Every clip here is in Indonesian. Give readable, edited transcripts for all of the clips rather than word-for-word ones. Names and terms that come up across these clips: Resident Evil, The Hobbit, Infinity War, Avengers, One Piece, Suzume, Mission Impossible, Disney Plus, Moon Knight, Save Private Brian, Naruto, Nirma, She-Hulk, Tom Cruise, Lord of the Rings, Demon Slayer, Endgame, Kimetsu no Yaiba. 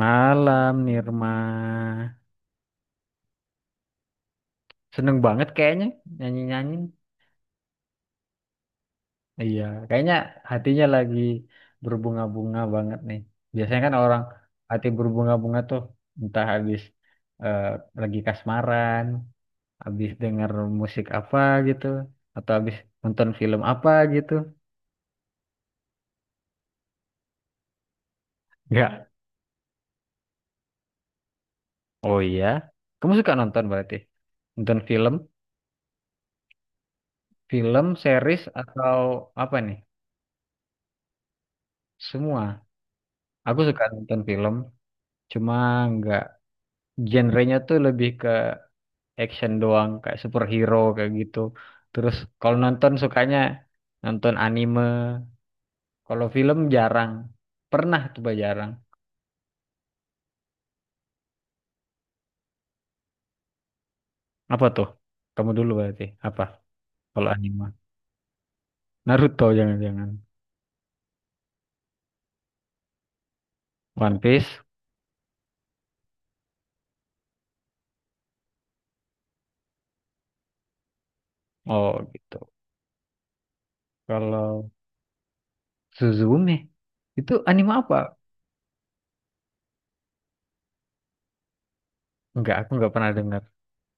Malam, Nirma. Seneng banget kayaknya nyanyi-nyanyi. Iya, kayaknya hatinya lagi berbunga-bunga banget nih. Biasanya kan orang hati berbunga-bunga tuh entah habis eh, lagi kasmaran, habis denger musik apa gitu, atau habis nonton film apa gitu. Enggak. Oh iya. Kamu suka nonton berarti? Nonton film, series atau apa nih? Semua. Aku suka nonton film, cuma nggak. Genrenya tuh lebih ke action doang, kayak superhero kayak gitu. Terus kalau nonton sukanya nonton anime. Kalau film jarang. Pernah coba jarang. Apa tuh? Kamu dulu berarti. Apa? Kalau anime. Naruto jangan-jangan. One Piece. Oh gitu. Kalau Suzume. Itu anime apa? Enggak, aku enggak pernah dengar.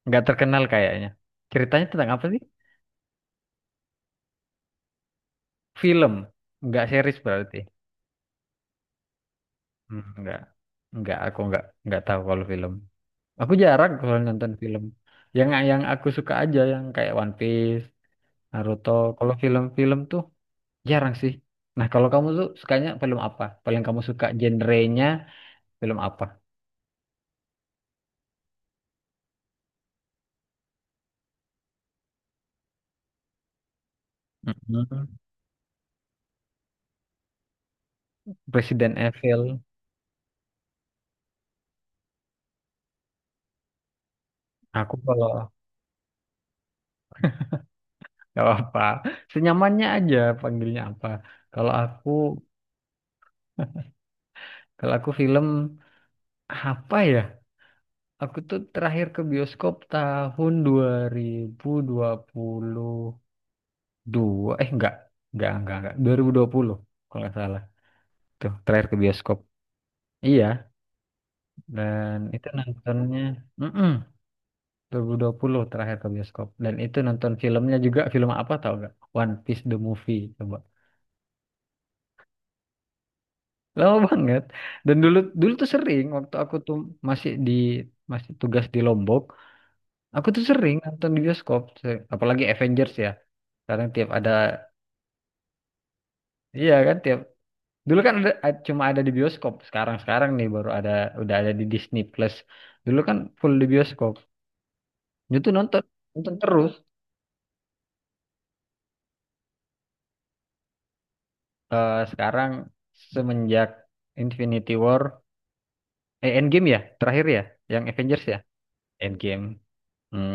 Enggak terkenal kayaknya. Ceritanya tentang apa sih? Film. Enggak series berarti. Hmm, enggak. Enggak, aku enggak tahu kalau film. Aku jarang kalau nonton film. Yang aku suka aja yang kayak One Piece, Naruto. Kalau film-film tuh jarang sih. Nah, kalau kamu tuh sukanya film apa? Paling kamu suka genrenya film apa? Mhm. Resident Evil. Aku kalau gak apa, senyamannya aja panggilnya apa. Kalau aku kalau aku film apa ya? Aku tuh terakhir ke bioskop tahun 2020, dua, enggak, 2020 kalau nggak salah, tuh terakhir ke bioskop. Iya, dan itu nontonnya, mm 2020, terakhir ke bioskop. Dan itu nonton filmnya juga, film apa tau gak? One Piece the Movie, coba. Lama banget. Dan dulu dulu tuh sering, waktu aku tuh masih di masih tugas di Lombok. Aku tuh sering nonton di bioskop, apalagi Avengers ya, sekarang tiap ada, iya kan, tiap dulu kan ada, cuma ada di bioskop. Sekarang-sekarang nih baru ada, udah ada di Disney Plus. Dulu kan full di bioskop. Itu tuh nonton nonton terus. Eh, sekarang semenjak Infinity War, eh Endgame ya, terakhir ya, yang Avengers ya, Endgame. Hmm,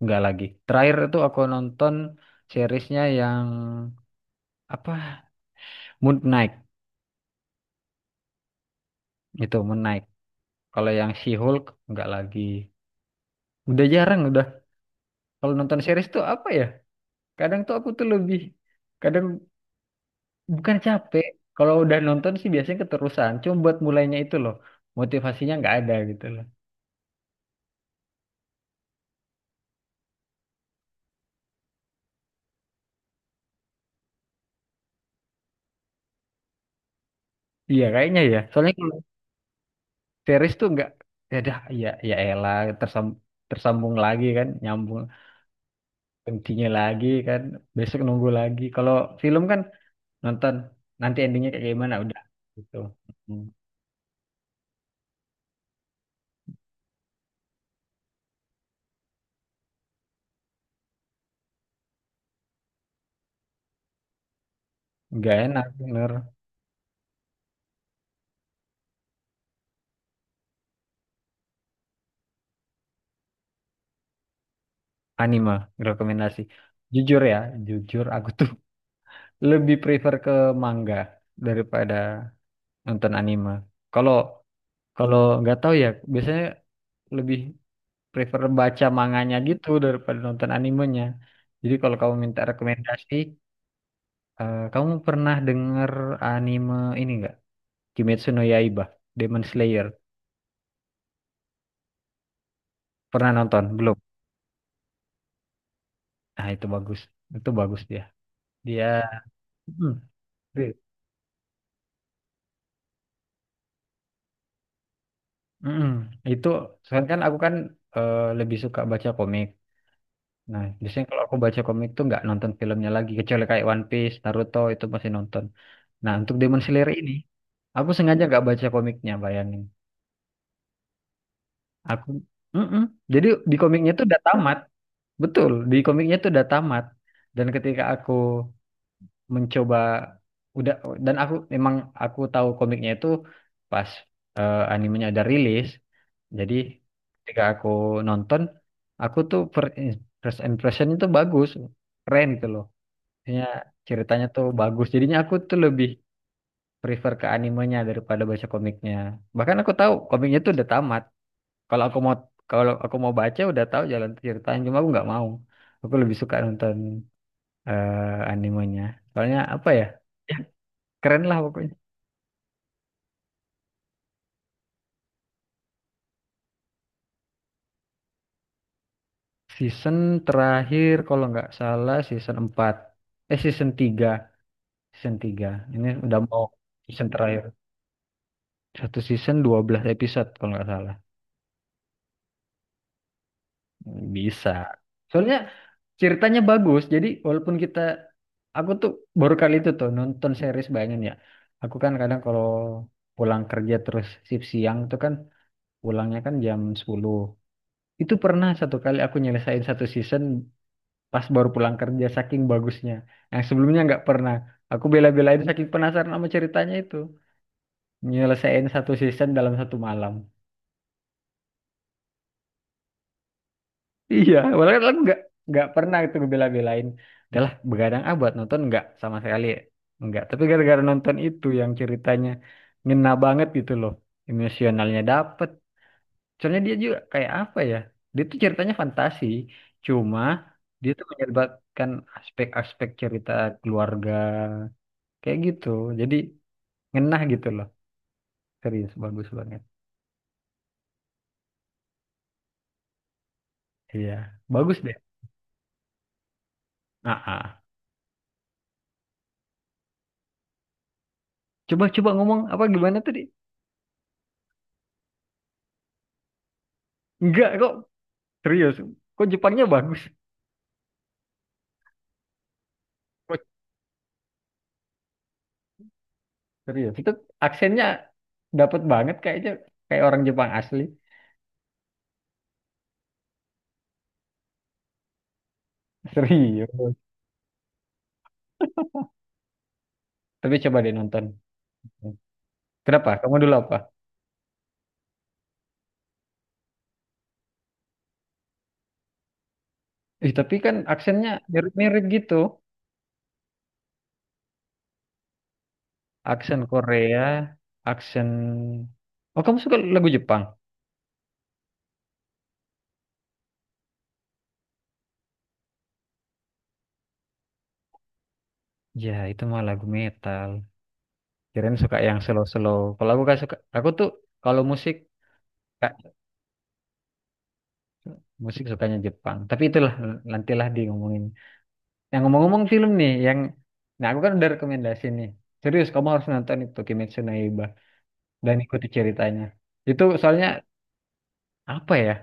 enggak lagi. Terakhir itu aku nonton seriesnya yang apa? Moon Knight. Itu Moon Knight. Kalau yang She-Hulk nggak lagi. Udah jarang udah. Kalau nonton series tuh apa ya? Kadang tuh aku tuh lebih kadang. Bukan capek. Kalau udah nonton sih biasanya keterusan. Cuma buat mulainya itu loh. Motivasinya nggak ada gitu loh. Iya kayaknya ya. Soalnya kalau series tuh nggak. Ya dah, ya, ya elah. Tersambung lagi kan. Nyambung. Intinya lagi kan. Besok nunggu lagi. Kalau film kan nonton. Nanti endingnya kayak gimana udah. Gitu. Hmm. Nggak enak bener. Anime rekomendasi. Jujur ya. Jujur aku tuh lebih prefer ke manga. Daripada nonton anime. Kalau Kalau nggak tahu ya, biasanya lebih prefer baca manganya gitu daripada nonton animenya. Jadi kalau kamu minta rekomendasi, kamu pernah dengar anime ini nggak? Kimetsu no Yaiba, Demon Slayer. Pernah nonton? Belum? Nah, itu bagus. Itu bagus dia. Dia Mm, real. Mm-mm. Itu soalnya kan aku kan lebih suka baca komik. Nah, biasanya kalau aku baca komik tuh nggak nonton filmnya lagi, kecuali kayak One Piece, Naruto itu masih nonton. Nah, untuk Demon Slayer ini, aku sengaja gak baca komiknya, bayangin. Aku, Mm-mm. Jadi di komiknya tuh udah tamat, betul. Di komiknya tuh udah tamat. Dan ketika aku mencoba, udah, dan aku memang aku tahu komiknya itu pas animenya ada rilis. Jadi ketika aku nonton, aku tuh first impression itu bagus, keren gitu loh. Maksudnya ceritanya tuh bagus. Jadinya aku tuh lebih prefer ke animenya daripada baca komiknya. Bahkan aku tahu komiknya tuh udah tamat. Kalau aku mau kalau aku mau baca udah tahu jalan ceritanya, cuma aku nggak mau. Aku lebih suka nonton animenya. Soalnya apa ya? Ya, keren lah pokoknya. Season terakhir kalau nggak salah season 4. Eh season tiga. Ini udah mau season terakhir. Satu season 12 episode kalau nggak salah. Bisa. Soalnya ceritanya bagus. Jadi walaupun kita aku tuh baru kali itu tuh nonton series Banyan ya. Aku kan kadang kalau pulang kerja terus shift siang tuh kan pulangnya kan jam 10. Itu pernah satu kali aku nyelesain satu season pas baru pulang kerja saking bagusnya. Yang sebelumnya nggak pernah. Aku bela-belain saking penasaran sama ceritanya itu. Nyelesain satu season dalam satu malam. Iya, padahal kan nggak pernah itu gue bela-belain. Udahlah, begadang ah buat nonton nggak sama sekali, nggak. Tapi gara-gara nonton itu yang ceritanya ngena banget gitu loh, emosionalnya dapet. Soalnya dia juga kayak apa ya? Dia tuh ceritanya fantasi, cuma dia tuh menyerbatkan aspek-aspek cerita keluarga kayak gitu. Jadi ngena gitu loh, serius bagus banget. Iya, bagus deh. Ah, ah. Coba-coba ngomong apa gimana tadi? Enggak kok. Serius, kok Jepangnya bagus? Serius, itu aksennya dapat banget kayaknya, kayak orang Jepang asli. Serius. Tapi coba deh nonton. Kenapa? Kamu dulu apa? Ih, tapi kan aksennya mirip-mirip gitu. Aksen Korea, aksen. Oh, kamu suka lagu Jepang? Ya, itu mah lagu metal. Kirain suka yang slow-slow. Kalau aku gak suka, aku tuh kalau musik, Kak, musik sukanya Jepang. Tapi itulah, nantilah di ngomongin. Yang ngomong-ngomong film nih, yang nah aku kan udah rekomendasi nih. Serius, kamu harus nonton itu Kimetsu no Yaiba dan ikuti ceritanya. Itu soalnya apa ya?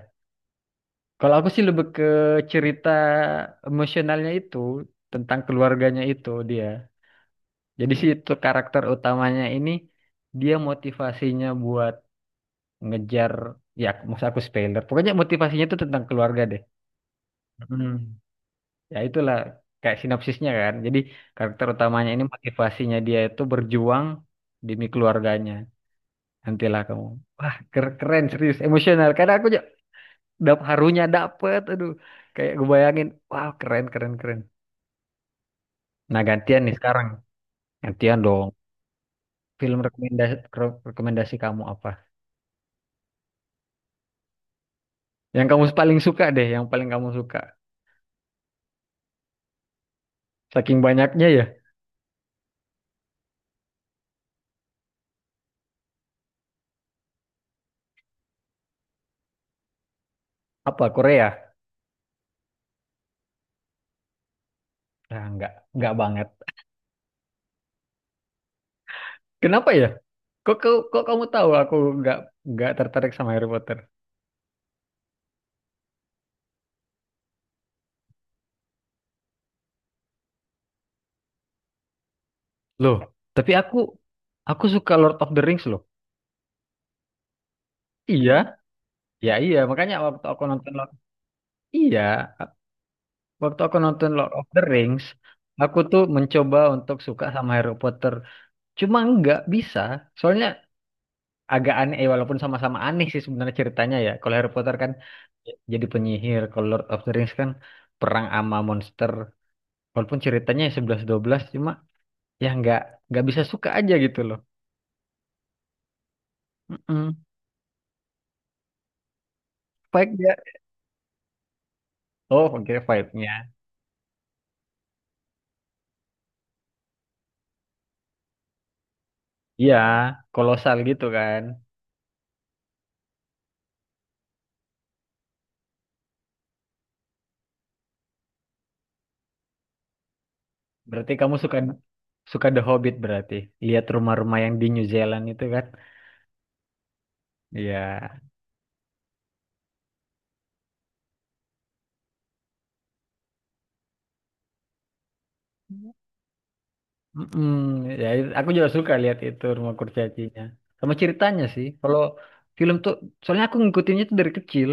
Kalau aku sih lebih ke cerita emosionalnya itu tentang keluarganya itu dia. Jadi sih itu karakter utamanya ini dia motivasinya buat ngejar, ya maksud aku spoiler. Pokoknya motivasinya itu tentang keluarga deh. Hmm. Ya itulah kayak sinopsisnya kan. Jadi karakter utamanya ini motivasinya dia itu berjuang demi keluarganya. Nantilah kamu. Wah, keren, serius emosional. Karena aku ja- dap harunya dapet, aduh. Kayak gue bayangin, wow keren keren keren. Nah gantian nih sekarang, gantian dong. Film rekomendasi rekomendasi kamu apa? Yang kamu paling suka deh, yang paling kamu suka. Saking banyaknya ya. Apa Korea? Nah, enggak banget. Kenapa ya? Kok, kamu tahu aku enggak nggak tertarik sama Harry Potter. Loh, tapi aku suka Lord of the Rings loh. Iya, ya iya. Makanya waktu aku nonton Lord, iya, waktu aku nonton Lord of the Rings, aku tuh mencoba untuk suka sama Harry Potter. Cuma nggak bisa, soalnya agak aneh. Walaupun sama-sama aneh sih sebenarnya ceritanya ya. Kalau Harry Potter kan jadi penyihir, kalau Lord of the Rings kan perang ama monster. Walaupun ceritanya ya sebelas dua belas, cuma ya nggak bisa suka aja gitu loh. Mm-mm. Vibe-nya. Oh, oke, vibe-nya. Iya, kolosal gitu kan. Berarti kamu suka suka The Hobbit berarti. Lihat rumah-rumah yang di New Zealand itu kan. Iya. Mm-mm. Ya, aku juga suka lihat itu rumah kurcacinya. Sama ceritanya sih. Kalau film tuh, soalnya aku ngikutinnya tuh dari kecil.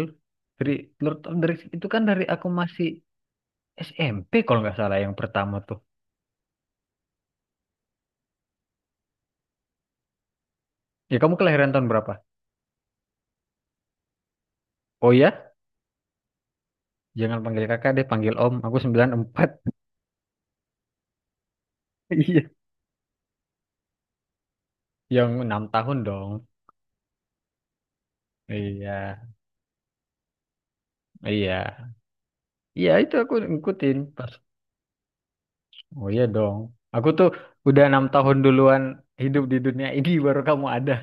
Dari Lord of the Rings itu kan dari aku masih SMP kalau nggak salah yang pertama tuh. Ya kamu kelahiran tahun berapa? Oh ya, jangan panggil kakak deh, panggil om. Aku 94. Iya. Yang 6 tahun dong. Iya. Iya. Iya itu aku ngikutin pas. Oh iya dong. Aku tuh udah 6 tahun duluan hidup di dunia ini, baru kamu ada.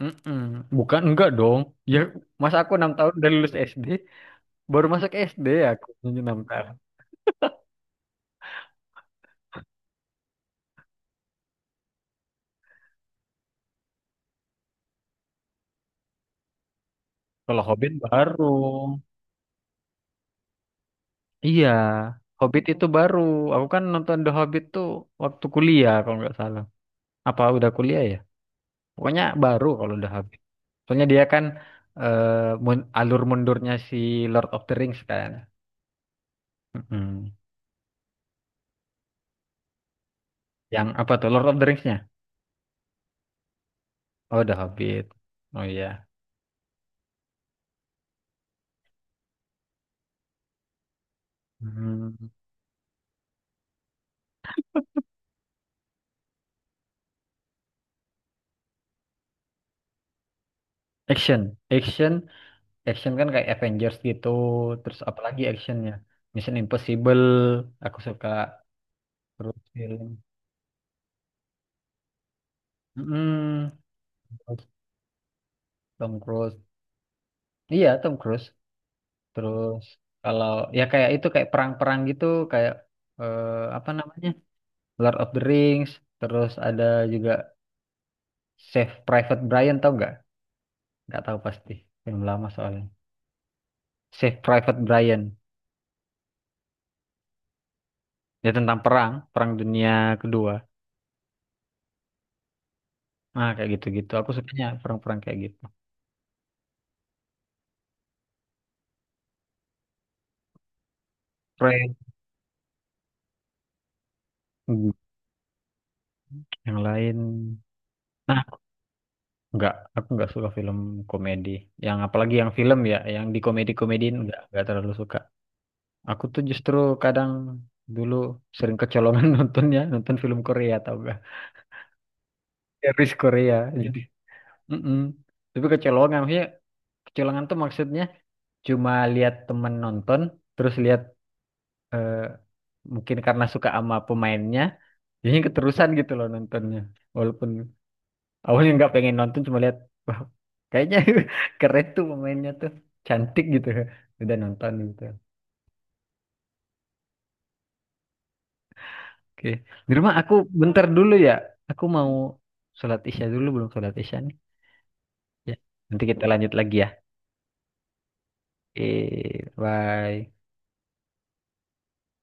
Mm-mm. Bukan enggak dong. Ya masa aku 6 tahun udah lulus SD, baru masuk SD aku 6 tahun. Kalau Hobbit baru. Iya. Hobbit itu baru. Aku kan nonton The Hobbit tuh waktu kuliah kalau nggak salah. Apa udah kuliah ya? Pokoknya baru kalau The Hobbit. Soalnya dia kan eh, alur mundurnya si Lord of the Rings kan. Mm-mm. Yang apa tuh? Lord of the Rings-nya? Oh, The Hobbit. Oh iya. Hmm. Action. Action. Action kan kayak Avengers gitu. Terus apalagi actionnya? Mission Impossible. Aku suka. Terus film. Mm-mm. Terus Tom Cruise. Iya, Tom Cruise. Terus kalau ya kayak itu kayak perang-perang gitu, kayak eh, apa namanya? Lord of the Rings. Terus ada juga Save Private Brian tau nggak? Nggak tahu pasti. Film lama soalnya. Save Private Brian. Ya tentang perang, perang dunia kedua. Nah, kayak gitu-gitu. Aku sukanya perang-perang kayak gitu. Keren. Hmm, yang lain. Nah, enggak. Aku enggak suka film komedi. Yang apalagi yang film ya, yang di komedi-komediin, enggak terlalu suka. Aku tuh justru kadang dulu sering kecolongan nontonnya, nonton film Korea tau gak? Series Korea. Jadi. mm Tapi kecolongan, maksudnya, kecolongan tuh maksudnya cuma lihat temen nonton, terus lihat eh, mungkin karena suka sama pemainnya. Jadinya keterusan gitu loh nontonnya. Walaupun awalnya nggak pengen nonton, cuma lihat, wah kayaknya keren tuh pemainnya tuh, cantik gitu. Udah nonton gitu. Oke. Di rumah aku bentar dulu ya. Aku mau sholat isya dulu, belum sholat isya nih. Ya. Nanti kita lanjut lagi ya. Eh, bye.